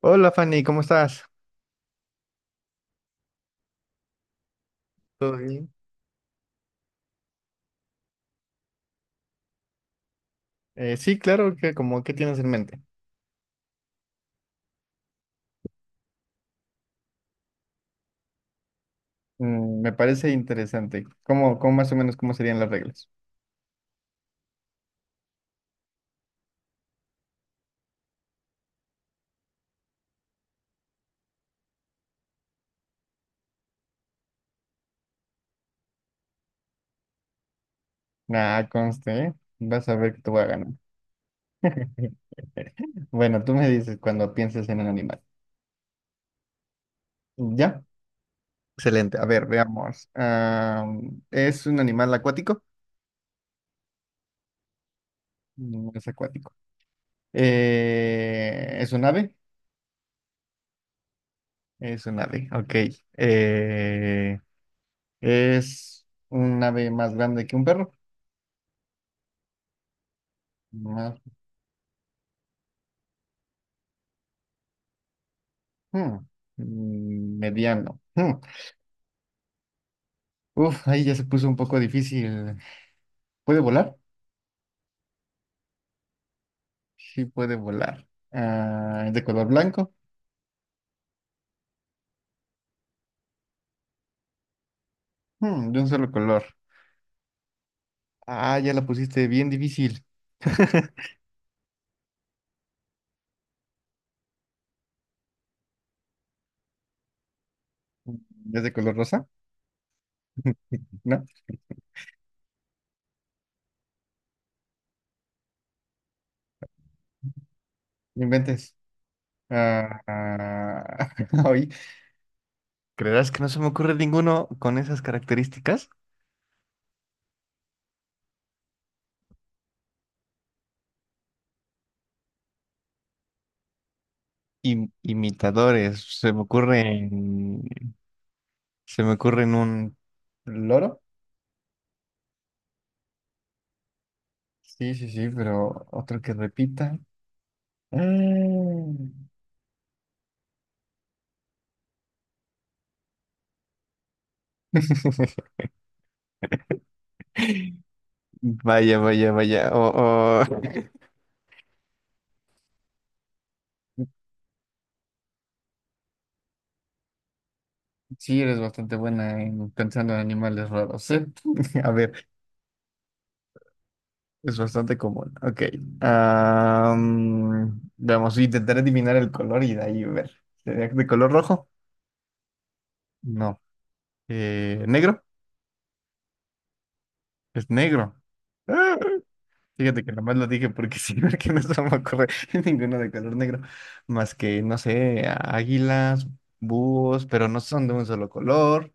Hola, Fanny, ¿cómo estás? ¿Todo bien? Sí, claro, que como ¿qué tienes en mente? Me parece interesante. ¿Cómo más o menos cómo serían las reglas? Ah, conste, ¿eh? Vas a ver que te voy a ganar. Bueno, tú me dices cuando pienses en un animal. ¿Ya? Excelente. A ver, veamos. ¿Es un animal acuático? No es acuático. ¿Es un ave? Es un ave, ok. Eh, ¿Es un ave más grande que un perro? Más. Mm, Mediano. Uf, ahí ya se puso un poco difícil. ¿Puede volar? Sí, puede volar. Ah, ¿es de color blanco? Mm, de un solo color. Ah, ya la pusiste bien difícil. ¿Es de color rosa? No, no inventes. Ah, ah, hoy, ¿creerás que no se me ocurre ninguno con esas características? Imitadores. Se me ocurre en un loro. Sí, sí, sí, pero otro que repita. Mm. Vaya, vaya, vaya. Oh, oh. Sí, eres bastante buena en pensando en animales raros, ¿eh? A ver, es bastante común. Ok. Vamos, intentar adivinar el color y de ahí ver. ¿Sería de color rojo? No. ¿Negro? Es negro. Ah, fíjate que nomás lo dije porque sí, porque no se me ocurre ninguno de color negro. Más que, no sé, águilas, búhos, pero no son de un solo color.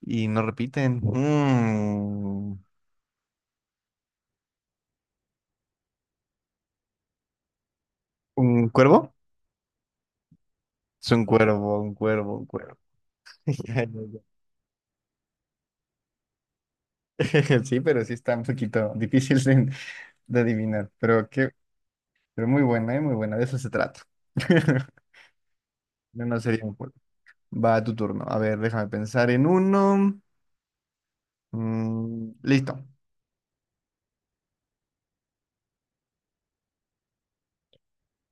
Y no repiten. Mm. ¿Un cuervo? Es un cuervo, un cuervo, un cuervo. Ya, ya, ya. Sí, pero sí está un poquito difícil de adivinar. Pero, qué, pero muy buena, ¿eh? Muy buena. De eso se trata. No, no sería un cuervo. Va a tu turno. A ver, déjame pensar en uno. Mm, listo.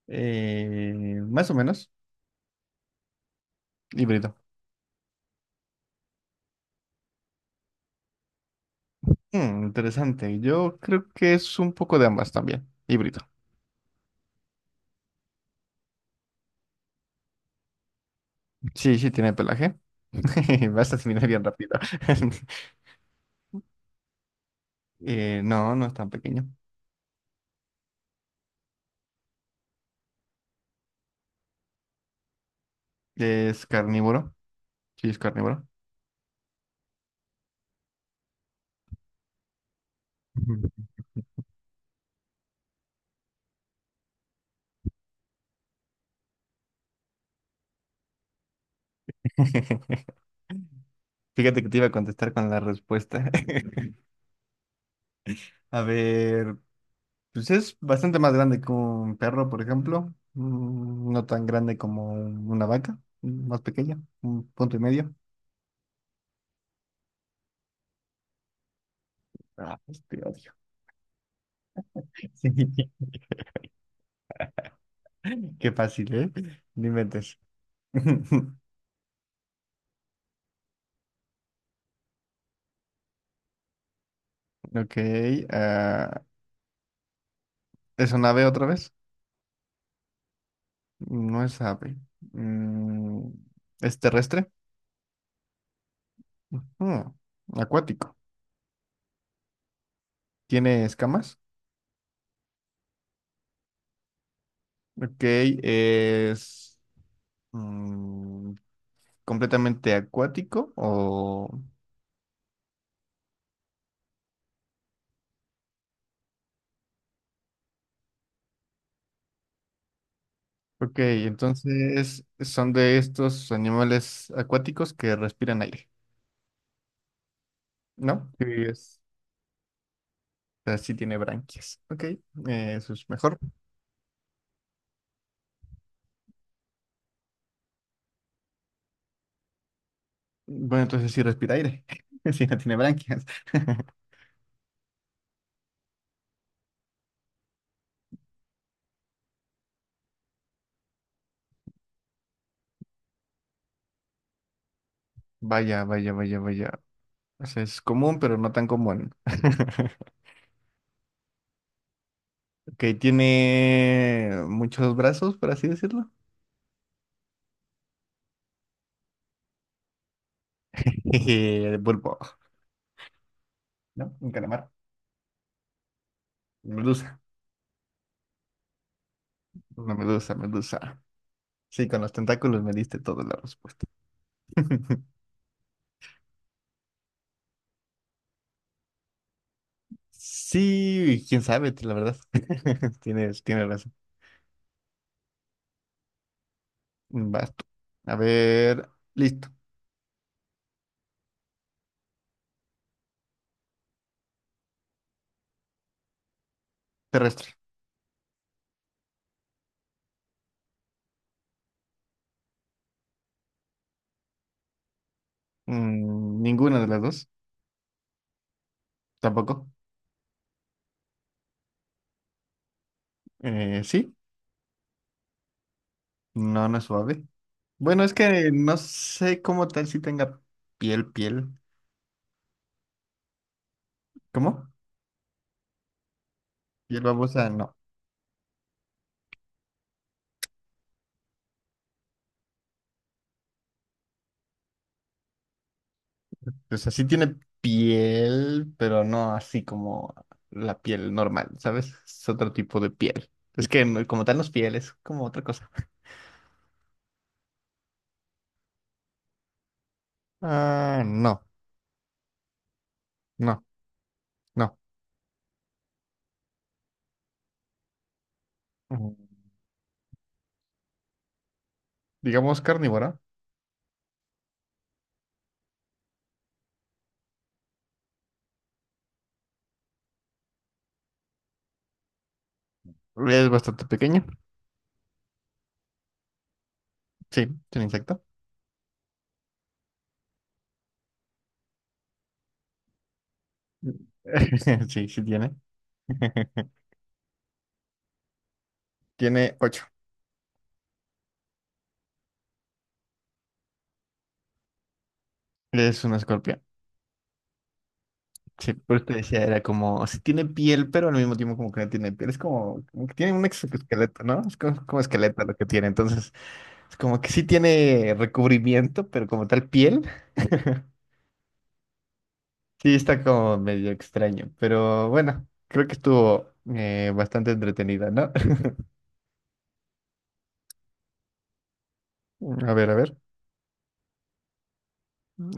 Más o menos. Híbrido. Mm, interesante. Yo creo que es un poco de ambas también. Híbrido. Sí, sí, tiene pelaje. Vas a terminar bien rápido. No, no es tan pequeño. Es carnívoro. Sí, es carnívoro. Ujú. Fíjate que te iba a contestar con la respuesta. A ver, pues es bastante más grande que un perro, por ejemplo. Mm, no tan grande como una vaca, mm, más pequeña, un punto y medio. Ah, pues te odio. Sí, qué fácil, ¿eh? No inventes. Ok, ah, ¿es un ave otra vez? No es ave. Mm, ¿es terrestre? Ujú. Acuático. ¿Tiene escamas? Ok, es, mm, completamente acuático o... Ok, entonces son de estos animales acuáticos que respiran aire, ¿no? Sí, es. O sea, sí tiene branquias. Ok, eso es mejor. Bueno, entonces sí respira aire. Sí, no tiene branquias. Vaya, vaya, vaya, vaya. O sea, es común, pero no tan común. Ok, tiene muchos brazos, por así decirlo. Jeje, pulpo. ¿No? Un calamar. Medusa. Una medusa, medusa. Sí, con los tentáculos me diste toda la respuesta. Sí, quién sabe, la verdad. Tienes razón. Basto. A ver, listo. Terrestre. Mm, ninguna de las dos. Tampoco. Sí. No, no es suave. Bueno, es que no sé cómo tal si tenga piel, piel. ¿Cómo? Piel babosa, no. O sea, sí tiene piel, pero no así como la piel normal, ¿sabes? Es otro tipo de piel. Es que no- Como tal no es piel, es como otra cosa. Ah, no, no, no. Mm, digamos carnívora. Es bastante pequeña. Sí, tiene insecto. Sí, sí tiene. Tiene ocho. Es un escorpión. Sí, por eso te decía, era como, si tiene piel, pero al mismo tiempo como que no tiene piel. Es como, como que tiene un exoesqueleto, ¿no? Es como, como esqueleto lo que tiene. Entonces, es como que sí tiene recubrimiento, pero como tal piel. Sí, está como medio extraño. Pero bueno, creo que estuvo bastante entretenida, ¿no? A ver, a ver,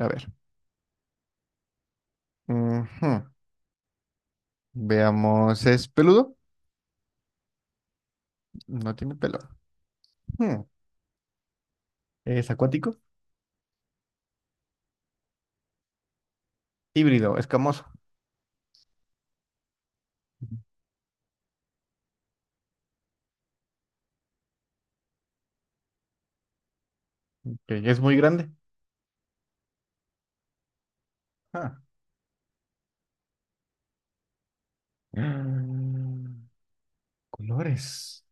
a ver. Ujú. Veamos, ¿es peludo? No tiene pelo. Hmm. ¿Es acuático? Híbrido, escamoso. Ok, ¿es muy grande? Ah. Mm. Colores.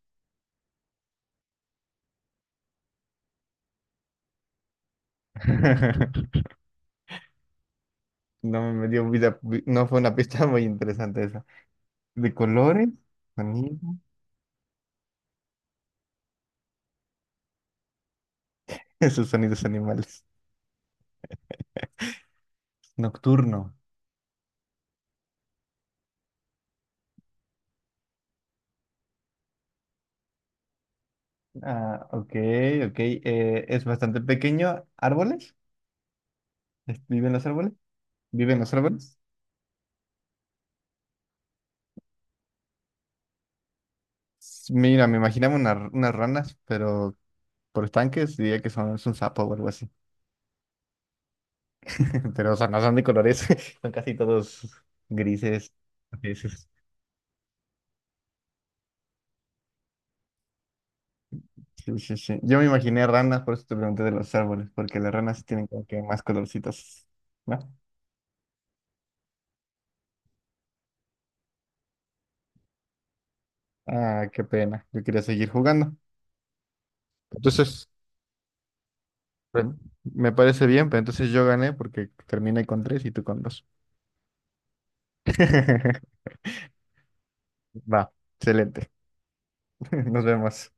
No me dio vida, no fue una pista muy interesante esa. De colores, sonido, esos sonidos animales. Nocturno. Ah, ok, ok. Es bastante pequeño. ¿Árboles? ¿Viven los árboles? ¿Viven los árboles? Mira, me imaginaba unas ranas, pero por estanques diría que son es un sapo o algo así. Pero o sea, no son de colores, son casi todos grises. Grises. Sí, sí, sí. Yo me imaginé ranas, por eso te pregunté de los árboles, porque las ranas sí tienen como que más colorcitos, ¿no? Ah, qué pena. Yo quería seguir jugando. Entonces, pues, me parece bien, pero entonces yo gané porque terminé con tres y tú con dos. Va, excelente. Nos vemos.